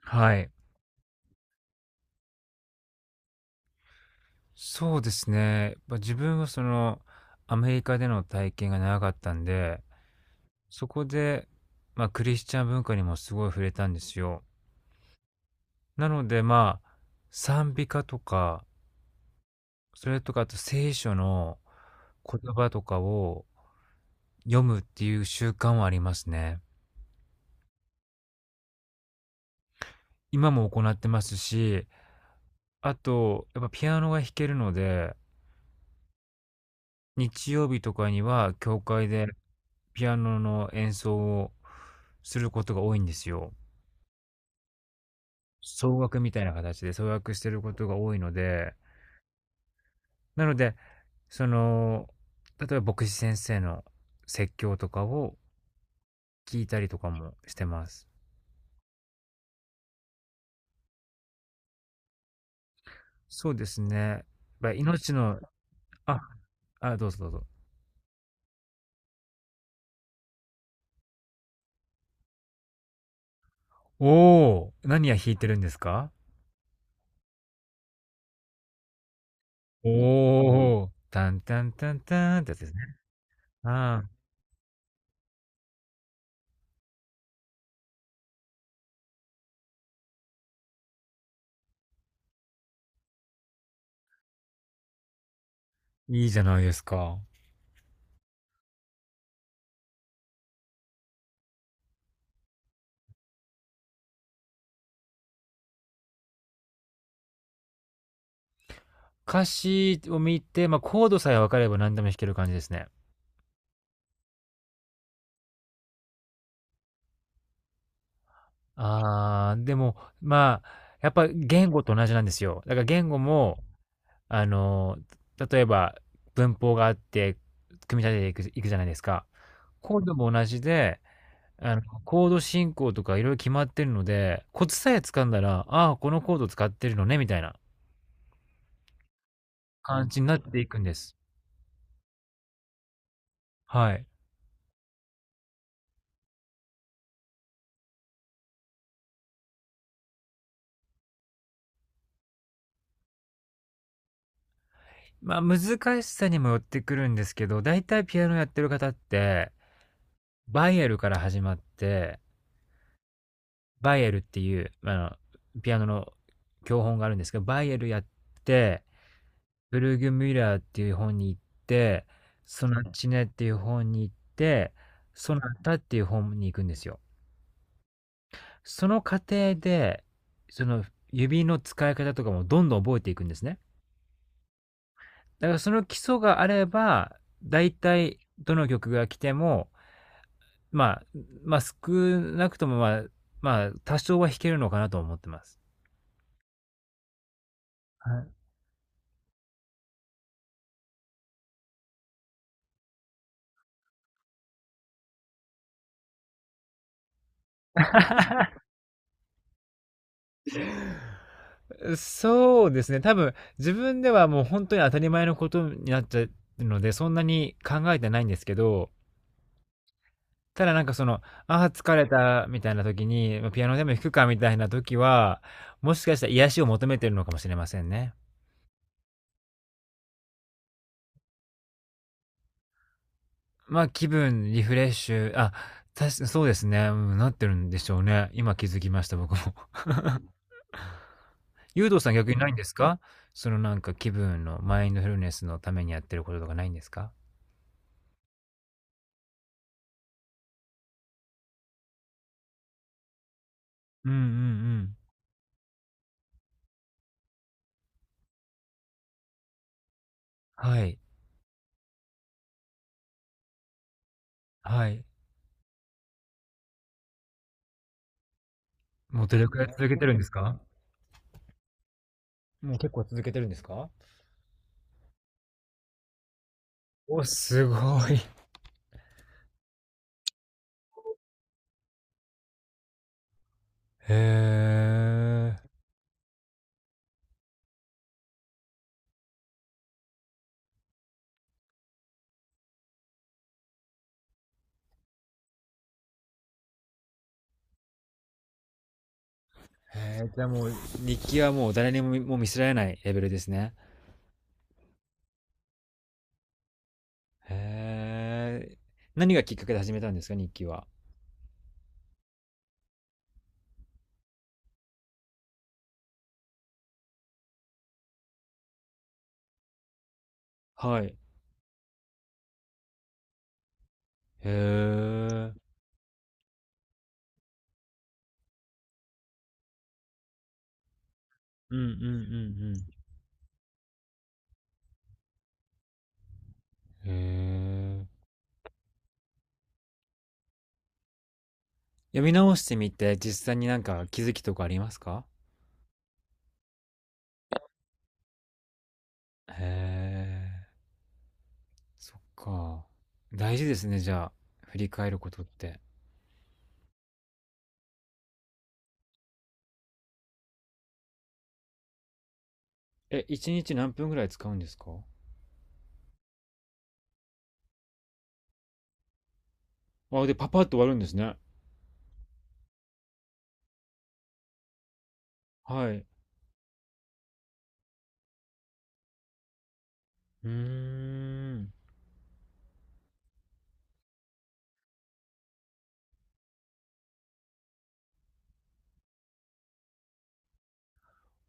はい。そうですね。自分はアメリカでの体験が長かったんで、そこで、まあ、クリスチャン文化にもすごい触れたんですよ。なので、まあ、賛美歌とか、それとかあと聖書の言葉とかを読むっていう習慣はありますね。今も行ってますし、あと、やっぱピアノが弾けるので日曜日とかには教会でピアノの演奏をすることが多いんですよ。奏楽みたいな形で奏楽してることが多いので、なので、その、例えば牧師先生の説教とかを聞いたりとかもしてます。そうですね。ま、命のあ、どうぞどうぞ。お、お、何や弾いてるんですか？おおー、タンタンタンタンってやつですね。ああ、いいじゃないですか。歌詞を見て、まあ、コードさえ分かれば何でも弾ける感じですね。ああ、でも、まあ、やっぱ言語と同じなんですよ。だから言語も、あの、例えば文法があって、組み立てていくじゃないですか。コードも同じで、コード進行とかいろいろ決まってるので、コツさえ掴んだら、ああ、このコード使ってるのね、みたいな感じになっていくんです。はい。まあ、難しさにもよってくるんですけど、だいたいピアノやってる方って、バイエルから始まって、バイエルっていう、ピアノの教本があるんですけど、バイエルやって、ブルーグ・ミュラーっていう本に行って、ソナチネっていう本に行って、ソナタっていう本に行くんですよ。その過程で、その指の使い方とかもどんどん覚えていくんですね。だからその基礎があれば、大体どの曲が来ても、まあ、少なくともまあ、多少は弾けるのかなと思ってます。はい。 そうですね。多分、自分ではもう本当に当たり前のことになっちゃうので、そんなに考えてないんですけど、ただああ、疲れたみたいな時に、ま、ピアノでも弾くかみたいな時は、もしかしたら癒しを求めてるのかもしれませんね。ま、あ気分、リフレッシュ、あ、たしそうですね、うん、なってるんでしょうね。今気づきました、僕も。ユウとさん逆にないんですか？そのなんか気分のマインドフルネスのためにやってることとかないんですか？うんうんうん。はい、はい。もうどれくらい続けてるんですか？もう結構続けてるんですか？お、すごい。へえ。へえ、じゃあもう日記はもう誰にも見せられないレベルですね。へえ。何がきっかけで始めたんですか？日記は。はい。へえ。うんうんうんうん。へえ。読み直してみて、実際になんか気づきとかありますか？へえ、そっか。大事ですね、じゃあ、振り返ることって。え、1日何分ぐらい使うんですか？あ、で、パパッと終わるんですね。はい。うーん。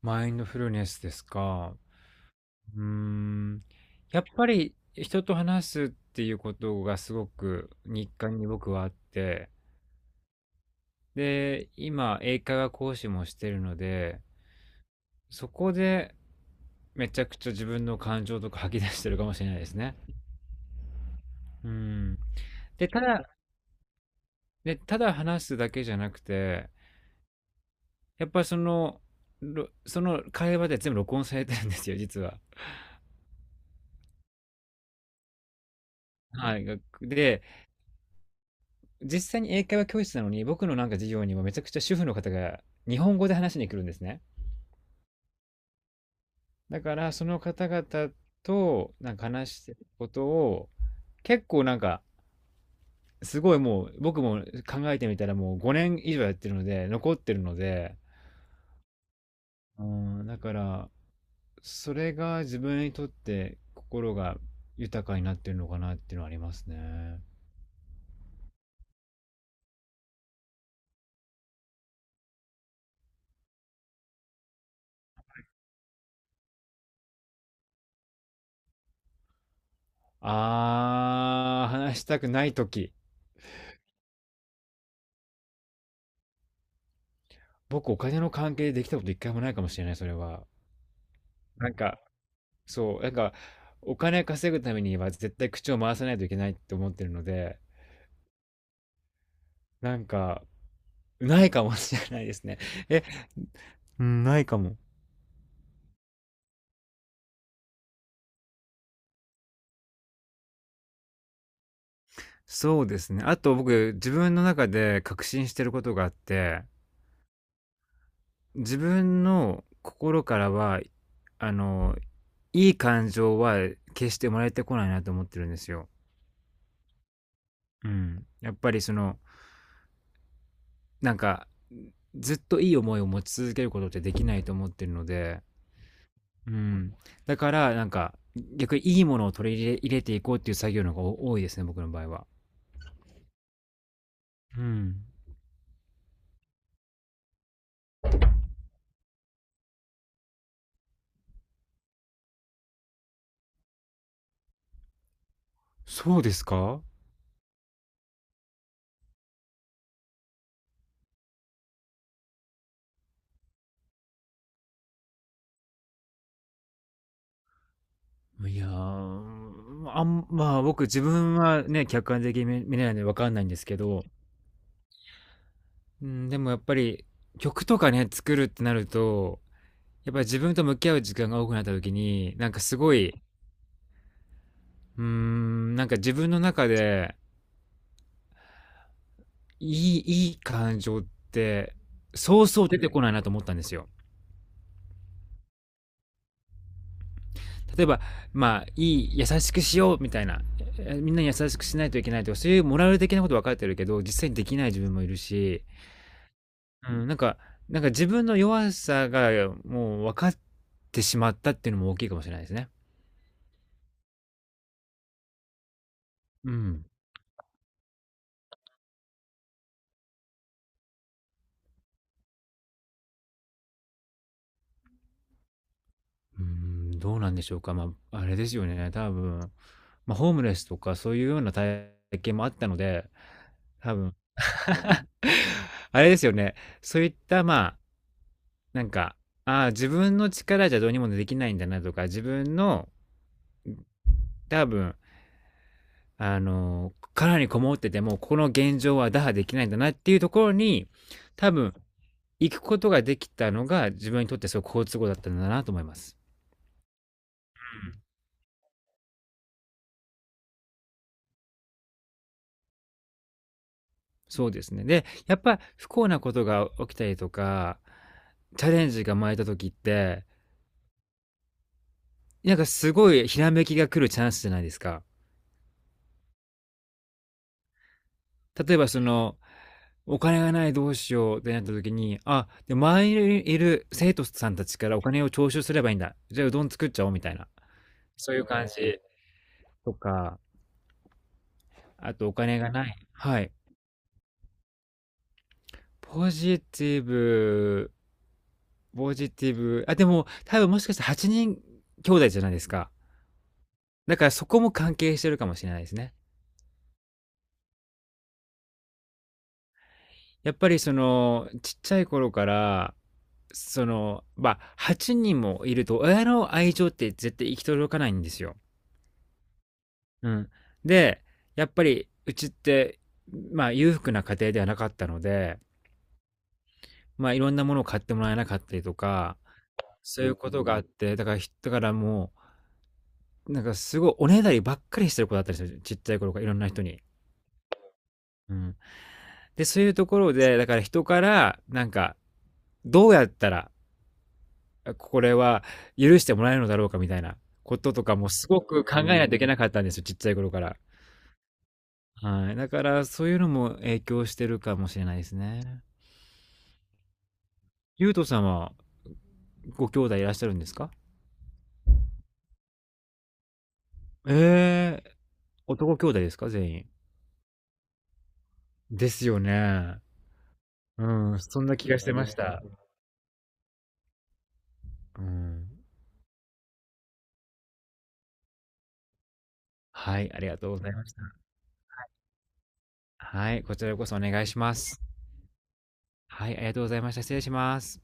マインドフルネスですか。うーん。やっぱり人と話すっていうことがすごく日課に僕はあって、で、今、英会話講師もしてるので、そこでめちゃくちゃ自分の感情とか吐き出してるかもしれないですね。うん。で、ただ、で、ただ話すだけじゃなくて、やっぱりその会話で全部録音されてるんですよ、実は。はい。で、実際に英会話教室なのに、僕のなんか授業にもめちゃくちゃ主婦の方が日本語で話しに来るんですね。だから、その方々となんか話してることを、結構なんか、すごいもう、僕も考えてみたらもう5年以上やってるので、残ってるので、うん、だから、それが自分にとって心が豊かになってるのかなっていうのはありますね。あー、話したくない時。僕、お金の関係でできたこと一回もないかもしれない、それは。なんか、そう、なんか、お金稼ぐためには絶対口を回さないといけないって思ってるので、なんか、ないかもしれないですね。え、うん、ないかも。そうですね。あと僕、自分の中で確信してることがあって、自分の心からは、あの、いい感情は決して生まれてこないなと思ってるんですよ。うん。やっぱりなんかずっといい思いを持ち続けることってできないと思ってるので、うん、だからなんか逆にいいものを取り入れていこうっていう作業の方が多いですね僕の場合は。うん、そうですか。いやー、僕自分はね客観的に見れないので分かんないんですけど、うん、でもやっぱり曲とかね作るってなるとやっぱり自分と向き合う時間が多くなった時になんかすごい。うーん、なんか自分の中でいい、いい感情って、そうそう出てこないなと思ったんですよ。例えば、まあ、いい、優しくしようみたいな、えみんなに優しくしないといけないとか、そういうモラル的なこと分かってるけど、実際にできない自分もいるし、うん、なんか自分の弱さがもう分かってしまったっていうのも大きいかもしれないですね。うん。うん、どうなんでしょうか。まあ、あれですよね。多分、まあ、ホームレスとかそういうような体験もあったので、多分、あれですよね。そういった、まあ、なんか、ああ、自分の力じゃどうにもできないんだなとか、自分の、多分、殻にこもってても、この現状は打破できないんだなっていうところに、多分、行くことができたのが、自分にとってすごく好都合だったんだなと思います。そうですね。で、やっぱ不幸なことが起きたりとか、チャレンジが生まれた時って、なんかすごいひらめきが来るチャンスじゃないですか。例えばお金がないどうしようってなった時に、あ、で、周りにいる生徒さんたちからお金を徴収すればいいんだ。じゃあうどん作っちゃおうみたいな。そういう感じとか、あとお金がない。はい。ポジティブ、ポジティブ。あ、でも多分もしかして8人兄弟じゃないですか。だからそこも関係してるかもしれないですね。やっぱりそのちっちゃい頃からまあ8人もいると親の愛情って絶対行き届かないんですよ。うん、でやっぱりうちってまあ裕福な家庭ではなかったのでまあいろんなものを買ってもらえなかったりとかそういうことがあってだからもうなんかすごいおねだりばっかりしてる子だったりするちっちゃい頃からいろんな人に。うん、でそういうところでだから人からなんかどうやったらこれは許してもらえるのだろうかみたいなこととかもすごく考えないといけなかったんですよ、ちっちゃい頃から。はい。だからそういうのも影響してるかもしれないですね。ゆうとさんはご兄弟いらっしゃるんですか？ええー、男兄弟ですか全員。ですよね。うん、そんな気がしてました。うん。はい、ありがとうございました。はい、こちらこそお願いします。はい、ありがとうございました。失礼します。